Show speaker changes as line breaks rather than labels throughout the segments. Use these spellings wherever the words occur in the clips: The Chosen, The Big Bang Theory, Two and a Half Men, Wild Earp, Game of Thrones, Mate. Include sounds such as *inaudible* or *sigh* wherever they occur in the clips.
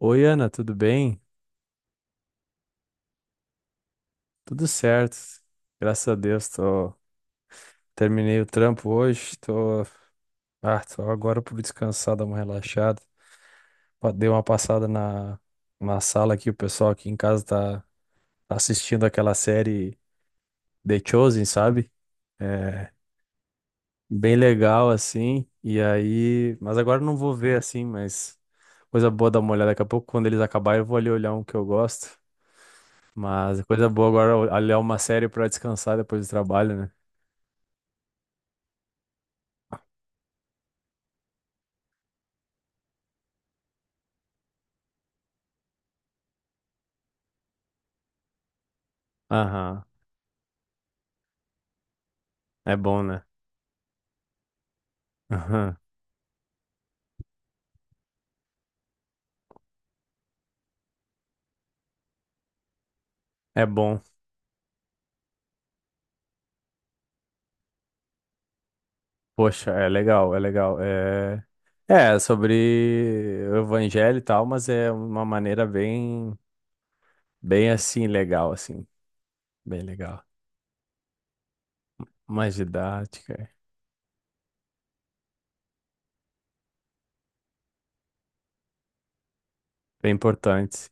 Oi, Ana, tudo bem? Tudo certo. Graças a Deus, tô... terminei o trampo hoje, tô agora por descansar, dar uma relaxada. Dei uma passada na sala aqui, o pessoal aqui em casa tá assistindo aquela série The Chosen, sabe? É bem legal, assim, e aí... Mas agora eu não vou ver, assim, mas coisa boa dar uma olhada. Daqui a pouco, quando eles acabarem, eu vou ali olhar um que eu gosto. Mas coisa boa agora olhar uma série pra descansar depois do trabalho, né? Aham, é bom, né? Aham, é bom. Poxa, é legal, é legal. É, é sobre o evangelho e tal, mas é uma maneira bem, bem assim, legal, assim, bem legal. Mais didática, é bem importante.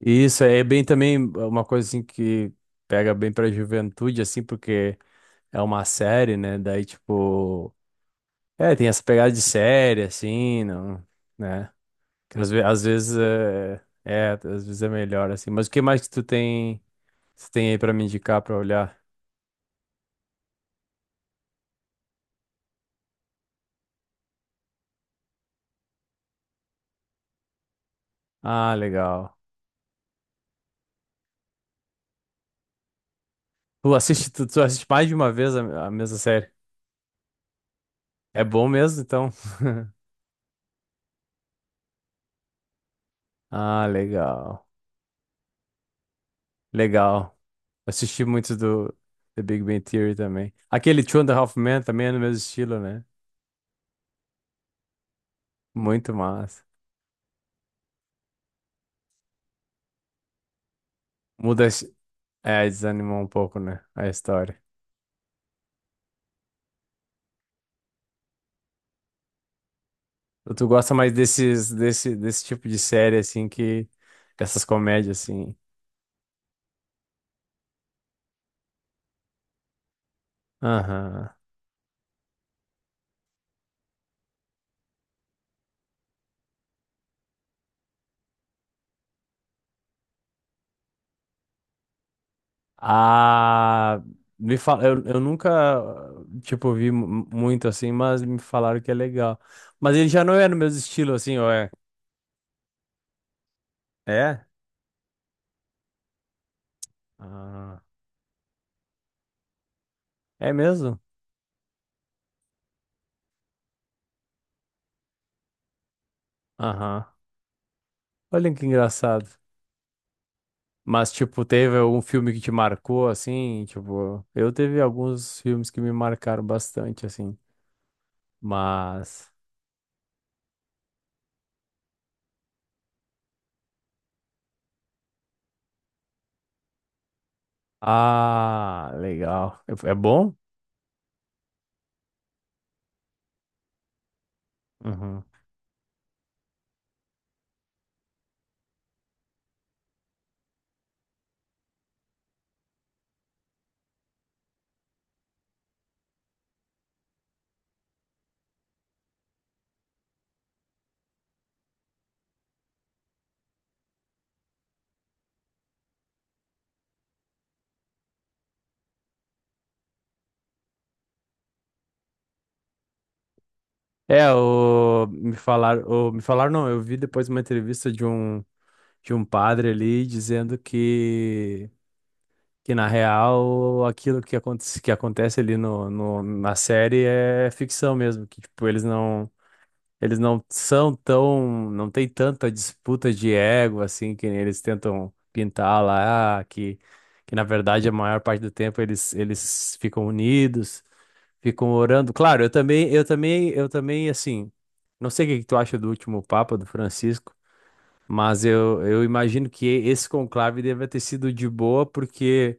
E isso é bem também uma coisa assim que pega bem pra juventude, assim, porque é uma série, né? Daí, tipo, é, tem essa pegada de série, assim, não, né? Às vezes às vezes é melhor assim. Mas o que mais que tu tem aí pra me indicar pra olhar? Ah, legal. Tu assiste mais de uma vez a mesma série. É bom mesmo, então. *laughs* Ah, legal. Legal. Assisti muito do The Big Bang Theory também. Aquele Two and a Half Men também é no mesmo estilo, né? Muito massa. Muda, a é, desanimou um pouco, né? A história. Tu gosta mais desse tipo de série, assim, que... Essas comédias, assim. Aham. Ah, me eu nunca, tipo, vi muito, assim, mas me falaram que é legal. Mas ele já não é no mesmo estilo, assim, ou é? É? Ah, é mesmo? Aham. Olha que engraçado. Mas, tipo, teve algum filme que te marcou, assim? Tipo, eu teve alguns filmes que me marcaram bastante, assim. Mas... Ah, legal. É é bom? Uhum. Me falaram não, eu vi depois uma entrevista de um padre ali dizendo que na real aquilo que acontece ali no, no, na série é ficção mesmo, que tipo, eles não são tão, não tem tanta disputa de ego assim que nem eles tentam pintar lá, ah, que na verdade a maior parte do tempo eles ficam unidos. Ficam orando. Claro, eu também, assim, não sei o que que tu acha do último Papa, do Francisco, mas eu imagino que esse conclave deve ter sido de boa, porque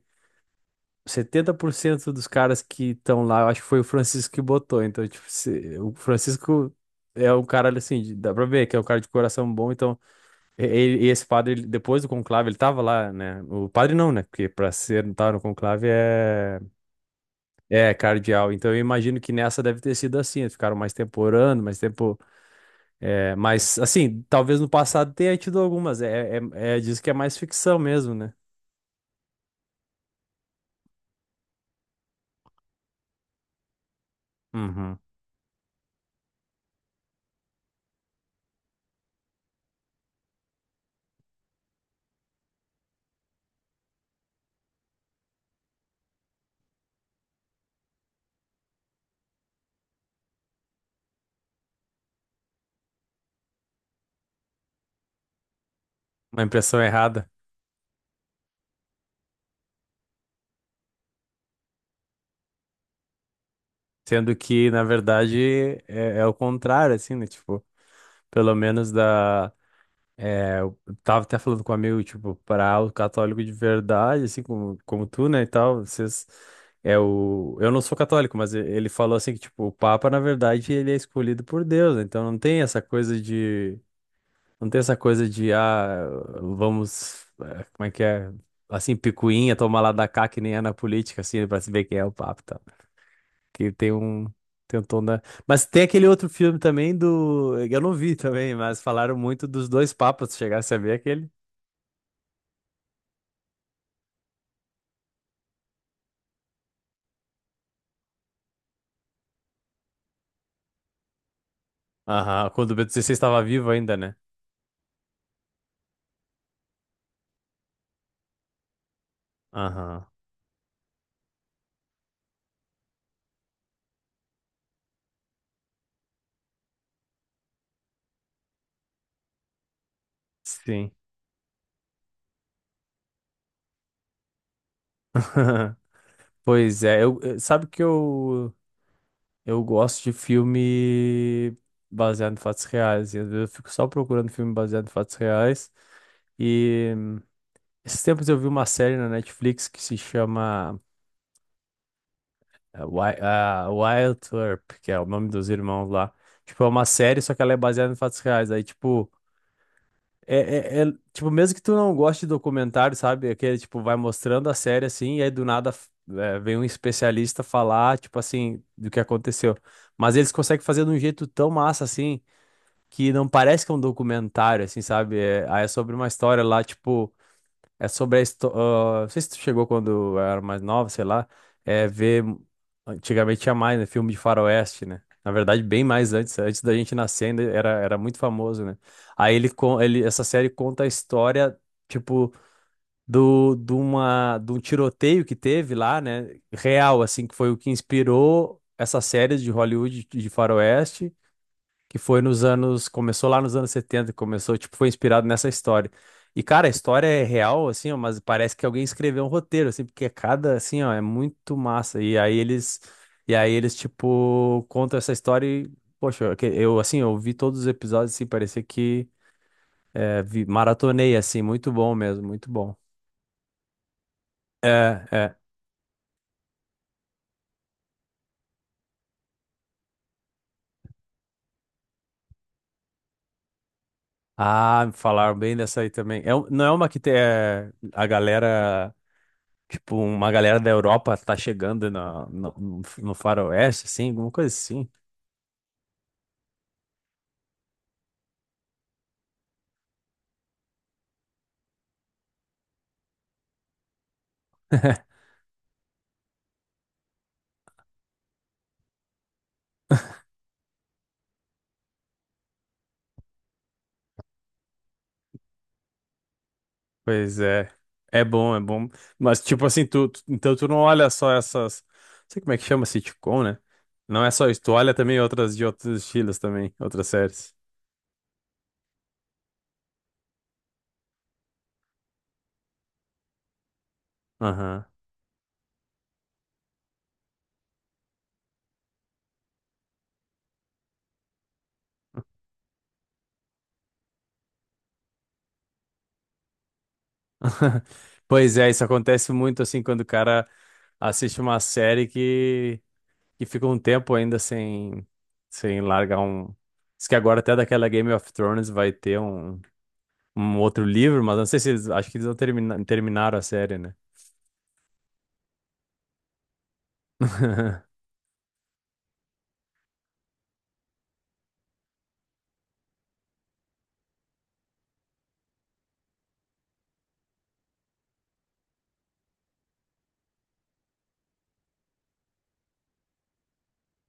70% dos caras que estão lá, eu acho que foi o Francisco que botou. Então, tipo, o Francisco é um cara, assim, dá pra ver que é um cara de coração bom. Então, e esse padre, depois do conclave, ele tava lá, né? O padre não, né? Porque pra ser, estar no conclave é. É, cardeal. Então eu imagino que nessa deve ter sido assim. Eles ficaram mais tempo orando, mais tempo. É, mas, assim, talvez no passado tenha tido algumas. É, diz que é mais ficção mesmo, né? Uhum. Uma impressão errada. Sendo que, na verdade, é o contrário, assim, né? Tipo, pelo menos da. É, eu tava até falando com um amigo, tipo, para o católico de verdade, assim como, como tu, né, e tal, vocês é o eu não sou católico, mas ele falou assim que tipo, o Papa, na verdade, ele é escolhido por Deus, né? Então não tem essa coisa de não tem essa coisa de ah, vamos, como é que é? Assim, picuinha, tomar lá da cá que nem é na política assim, pra se ver quem é o Papa, e tal. Que tem um tom da mas tem aquele outro filme também do. Eu não vi também, mas falaram muito dos dois papas. Se chegasse a ver aquele. Aham, quando o B16 estava vivo ainda, né? Aham, sim. Sabe que eu gosto de filme baseado em fatos reais, e às vezes eu fico só procurando filme baseado em fatos reais, e esses tempos eu vi uma série na Netflix que se chama Wild Earp, que é o nome dos irmãos lá. Tipo, é uma série, só que ela é baseada em fatos reais, aí tipo... É, tipo, mesmo que tu não goste de documentário, sabe? Aquele, tipo, vai mostrando a série assim, e aí do nada é, vem um especialista falar, tipo assim, do que aconteceu. Mas eles conseguem fazer de um jeito tão massa assim, que não parece que é um documentário, assim, sabe? É, aí é sobre uma história lá, tipo. É sobre a história. Não sei se tu chegou quando eu era mais nova, sei lá. É ver. Antigamente tinha mais, né? Filme de faroeste, né? Na verdade, bem mais antes. Antes da gente nascer, ainda era muito famoso, né? Aí ele, essa série conta a história, tipo, de um tiroteio que teve lá, né? Real, assim, que foi o que inspirou essa série de Hollywood de faroeste que foi nos anos, começou lá nos anos 70, começou, tipo, foi inspirado nessa história. E, cara, a história é real, assim, ó, mas parece que alguém escreveu um roteiro, assim, porque cada, assim, ó, é muito massa. E aí eles, tipo, contam essa história e, poxa, eu, assim, eu vi todos os episódios, assim, parecia que é, vi, maratonei, assim, muito bom mesmo, muito bom. É, é. Ah, falaram bem dessa aí também. É, não é uma que tem, é, a galera tipo, uma galera da Europa tá chegando no faroeste, assim, alguma coisa assim. *laughs* Pois é. É bom, é bom. Mas, tipo assim, então tu não olha só essas. Não sei como é que chama sitcom, né? Não é só isso, tu olha também outras de outros estilos também, outras séries. Aham. *laughs* Isso acontece muito assim quando o cara assiste uma série que fica um tempo ainda sem, sem largar um. Diz que agora até daquela Game of Thrones vai ter um outro livro, mas não sei se eles, acho que eles não termina- terminaram a série, né? *laughs*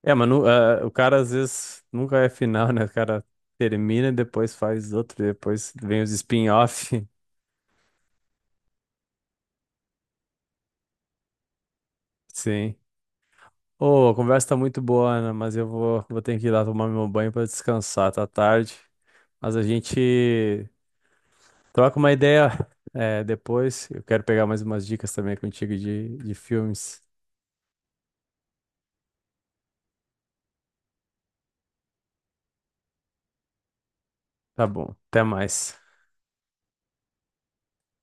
É, mas o cara às vezes nunca é final, né? O cara termina e depois faz outro, depois vem os spin-off. *laughs* Sim. Ô, a conversa tá muito boa, Ana, mas vou ter que ir lá tomar meu banho pra descansar, tá tarde. Mas a gente troca uma ideia, depois. Eu quero pegar mais umas dicas também contigo de filmes. Tá bom, até mais.